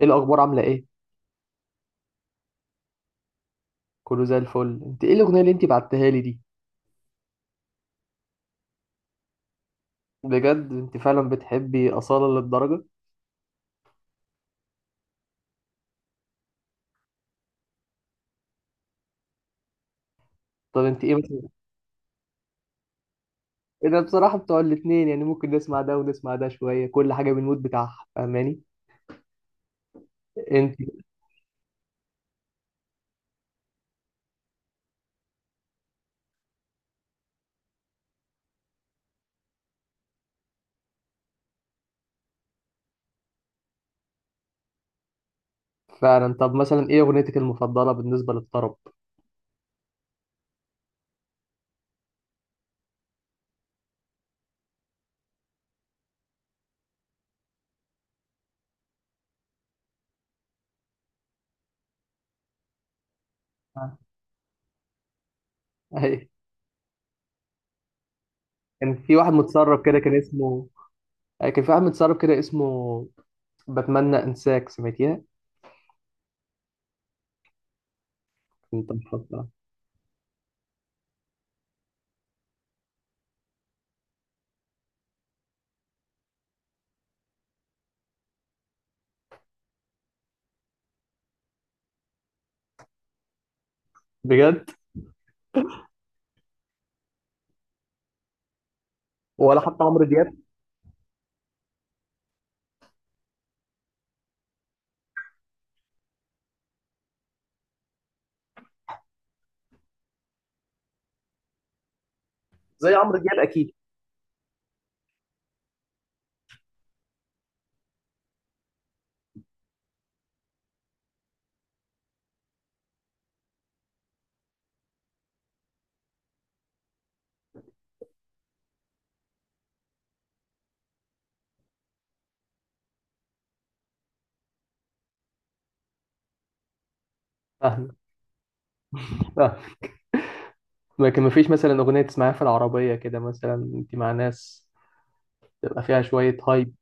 ايه الاخبار؟ عامله ايه؟ كله زي الفل. انت ايه الاغنيه اللي انت بعتها لي دي؟ بجد انت فعلا بتحبي اصاله للدرجه؟ طب انت ايه مثلا؟ ايه ده؟ بصراحه بتوع الاتنين، يعني ممكن نسمع ده ونسمع ده شويه، كل حاجه بالمود بتاعها. فاهماني انت؟ فعلا. طب مثلا ايه اغنيتك المفضله بالنسبه للطرب؟ آه. اي. كان في واحد متسرب كده كان اسمه. كان في واحد متسرب كده اسمه. بتمنى انساك، سمعتيها؟ كنت مفضله. بجد؟ ولا حتى عمرو دياب؟ زي عمرو دياب اكيد. فاهم. لكن مفيش مثلا أغنية تسمعها في العربية كده، مثلا أنت مع ناس تبقى فيها شوية هايب؟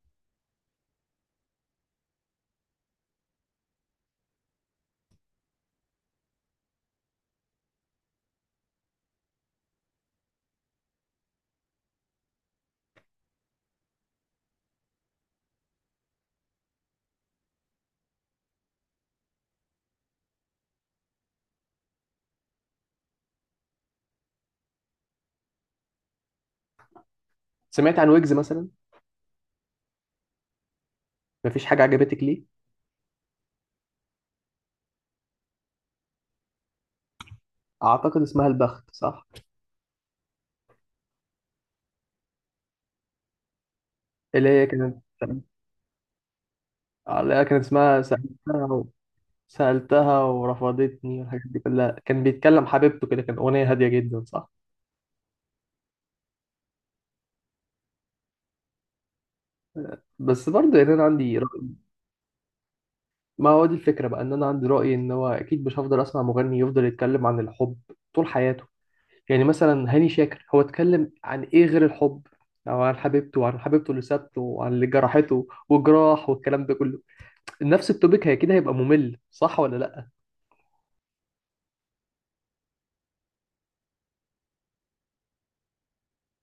سمعت عن ويجز مثلا؟ مفيش حاجة عجبتك ليه؟ أعتقد اسمها البخت، صح؟ اللي هي كانت. اللي هي كانت اسمها سألتها و سألتها ورفضتني والحاجات دي كلها، كان بيتكلم حبيبته كده، كان أغنية هادية جدا، صح؟ بس برضه يعني أنا عندي رأي. ما هو دي الفكرة بقى، إن أنا عندي رأي إن هو أكيد مش هفضل أسمع مغني يفضل يتكلم عن الحب طول حياته. يعني مثلا هاني شاكر هو اتكلم عن ايه غير الحب؟ او عن حبيبته وعن حبيبته اللي سابته وعن اللي جرحته وجراح والكلام ده كله. نفس التوبيك، هي كده هيبقى ممل، صح ولا لا؟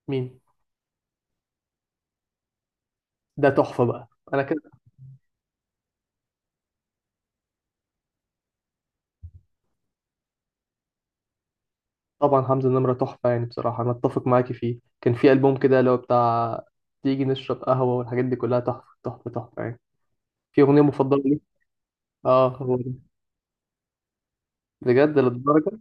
مين؟ ده تحفة بقى، انا كده. طبعا حمزة النمرة تحفة، يعني بصراحة انا اتفق معاكي فيه. كان في ألبوم كده اللي هو بتاع تيجي نشرب قهوة، والحاجات دي كلها تحفة تحفة تحفة يعني. في أغنية مفضلة لي. اه هو ده. بجد للدرجة؟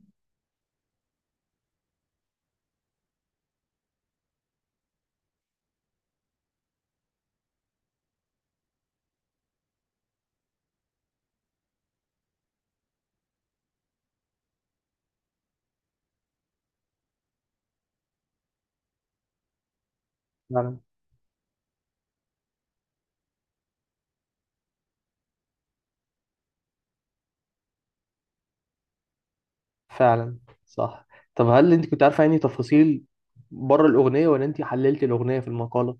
يعني فعلا. صح. طب هل انت كنت عارفه يعني تفاصيل بره الاغنيه، ولا انت حللت الاغنيه في المقاله؟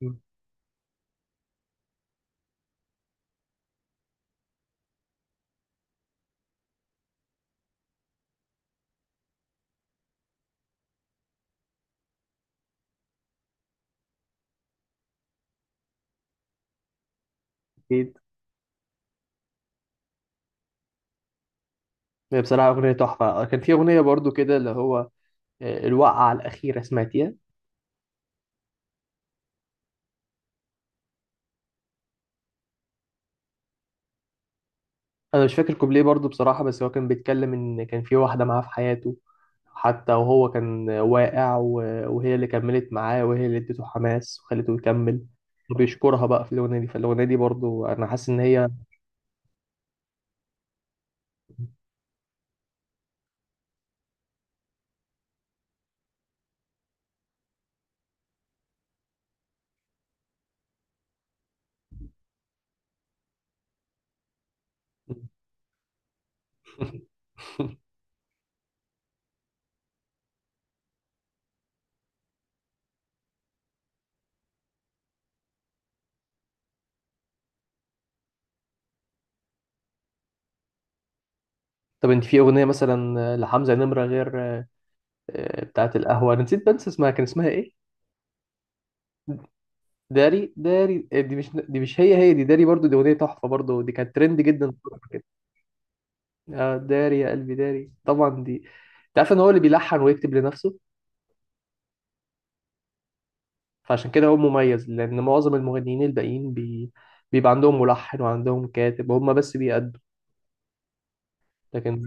مم. اكيد. هي بصراحه اغنيه تحفه. كان في اغنيه برضو كده اللي هو الوقعه الاخيره، سمعتيها؟ انا مش فاكر كوبليه برضو بصراحه، بس هو كان بيتكلم ان كان في واحده معاه في حياته حتى وهو كان واقع، وهي اللي كملت معاه وهي اللي اديته حماس وخلته يكمل. وبيشكرها بقى في الاغنيه دي، فالاغنيه دي برضو انا حاسس ان هي طب انت في اغنيه مثلا لحمزه نمره غير بتاعت القهوة؟ أنا نسيت، بنسى اسمها، كان اسمها إيه؟ داري. داري دي مش مش هي دي. داري برضو دي أغنية تحفة، برضو دي كانت ترند جدا فترة كده. داري يا قلبي داري، طبعا دي. أنت عارف إن هو اللي بيلحن ويكتب لنفسه؟ فعشان كده هو مميز، لأن معظم المغنيين الباقيين بيبقى عندهم ملحن وعندهم كاتب، هما بس بيأدوا. لكن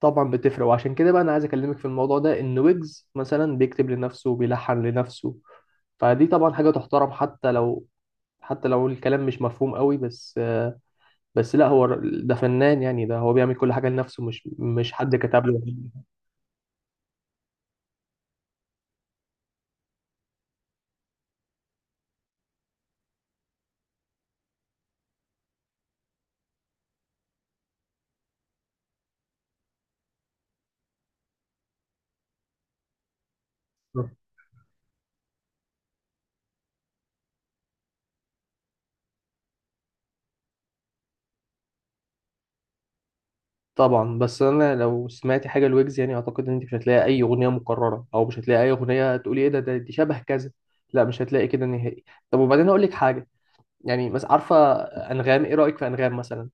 طبعا بتفرق، وعشان كده بقى أنا عايز أكلمك في الموضوع ده إن ويجز مثلا بيكتب لنفسه وبيلحن لنفسه. فدي طبعا حاجة تحترم، حتى لو الكلام مش مفهوم قوي، بس بس لا، هو ده فنان، يعني ده هو بيعمل كل حاجة لنفسه، مش حد كتب له. طبعا، بس انا لو سمعتي حاجة لويجز يعني اعتقد ان انت مش هتلاقي اي اغنية مكررة، او مش هتلاقي اي اغنية تقولي ايه ده دي شبه كذا. لا مش هتلاقي كده نهائي. طب، وبعدين اقول لك حاجة. يعني بس عارفة. انغام، ايه رأيك في انغام مثلا؟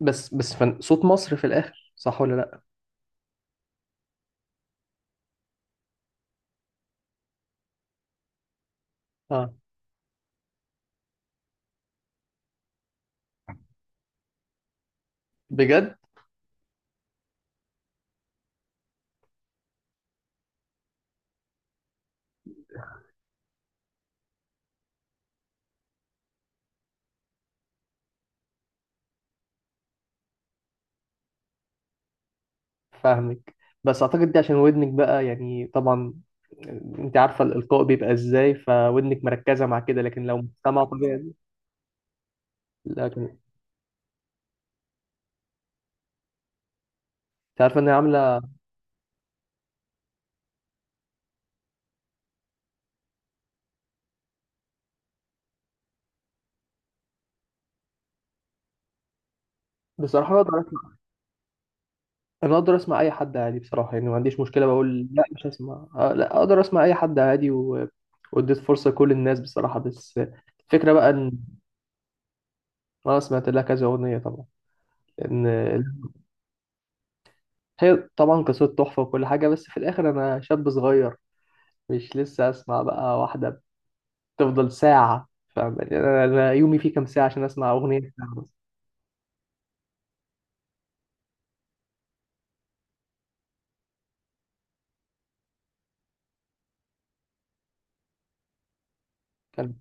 بس صوت مصر في الاخر، صح ولا لا؟ اه، بجد. فاهمك. بس اعتقد دي عشان ودنك بقى، يعني طبعا انت عارفه الالقاء بيبقى ازاي، فودنك مركزه مع كده. لكن لو مجتمع طبيعي. لكن انت. عارفه ان هي عامله. بصراحه انا اقدر اسمع. انا اقدر اسمع اي حد عادي بصراحه، يعني ما عنديش مشكله بقول لا مش هسمع لا اقدر اسمع اي حد عادي و واديت فرصه لكل الناس بصراحه، بس الفكره بقى ان انا سمعت لها كذا اغنيه طبعا، ان هي طبعا قصه تحفه وكل حاجه، بس في الاخر انا شاب صغير، مش لسه اسمع بقى واحده تفضل ساعة. فاهم يعني أنا يومي فيه كام ساعة عشان أسمع أغنية ساعة بس؟ كان.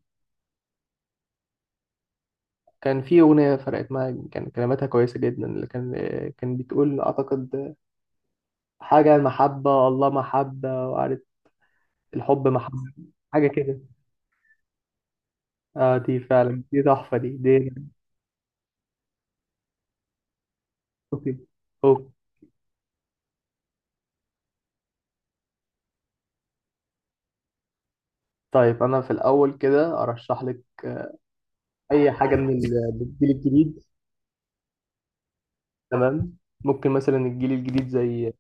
كان في أغنية فرقت معايا، كان كلماتها كويسة جدا، اللي كان كان بتقول أعتقد حاجة عن المحبة، الله محبة وعارف الحب محبة، حاجة كده. آه دي فعلا، دي تحفة دي. أوكي. أوكي. طيب، أنا في الأول كده أرشح لك أي حاجة من الجيل الجديد. تمام. ممكن مثلا الجيل الجديد زي،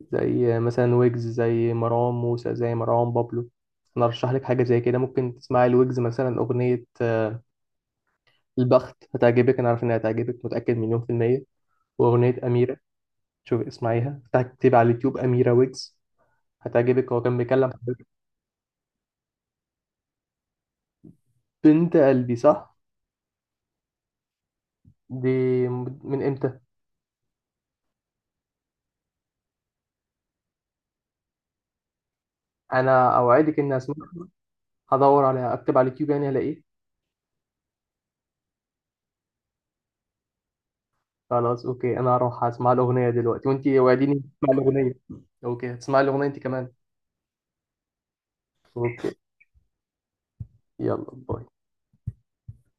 مثلا ويجز، زي مروان موسى، زي مروان بابلو. انا ارشح لك حاجه زي كده، ممكن تسمعي الويجز مثلا اغنيه البخت. هتعجبك، انا عارف انها هتعجبك، متاكد مليون في الميه. واغنيه اميره. شوف، اسمعيها، اكتبي على اليوتيوب اميره ويجز. هتعجبك، هو كان بيكلم حضرتك. بنت قلبي صح. دي من امتى؟ انا اوعدك اني اسمعها. هدور عليها، اكتب على اليوتيوب يعني هلاقيه. خلاص، اوكي، انا هروح اسمع الاغنيه دلوقتي، وانتي وعديني تسمعي الاغنيه. اوكي هتسمعي الاغنيه انت كمان؟ اوكي. يلا، باي.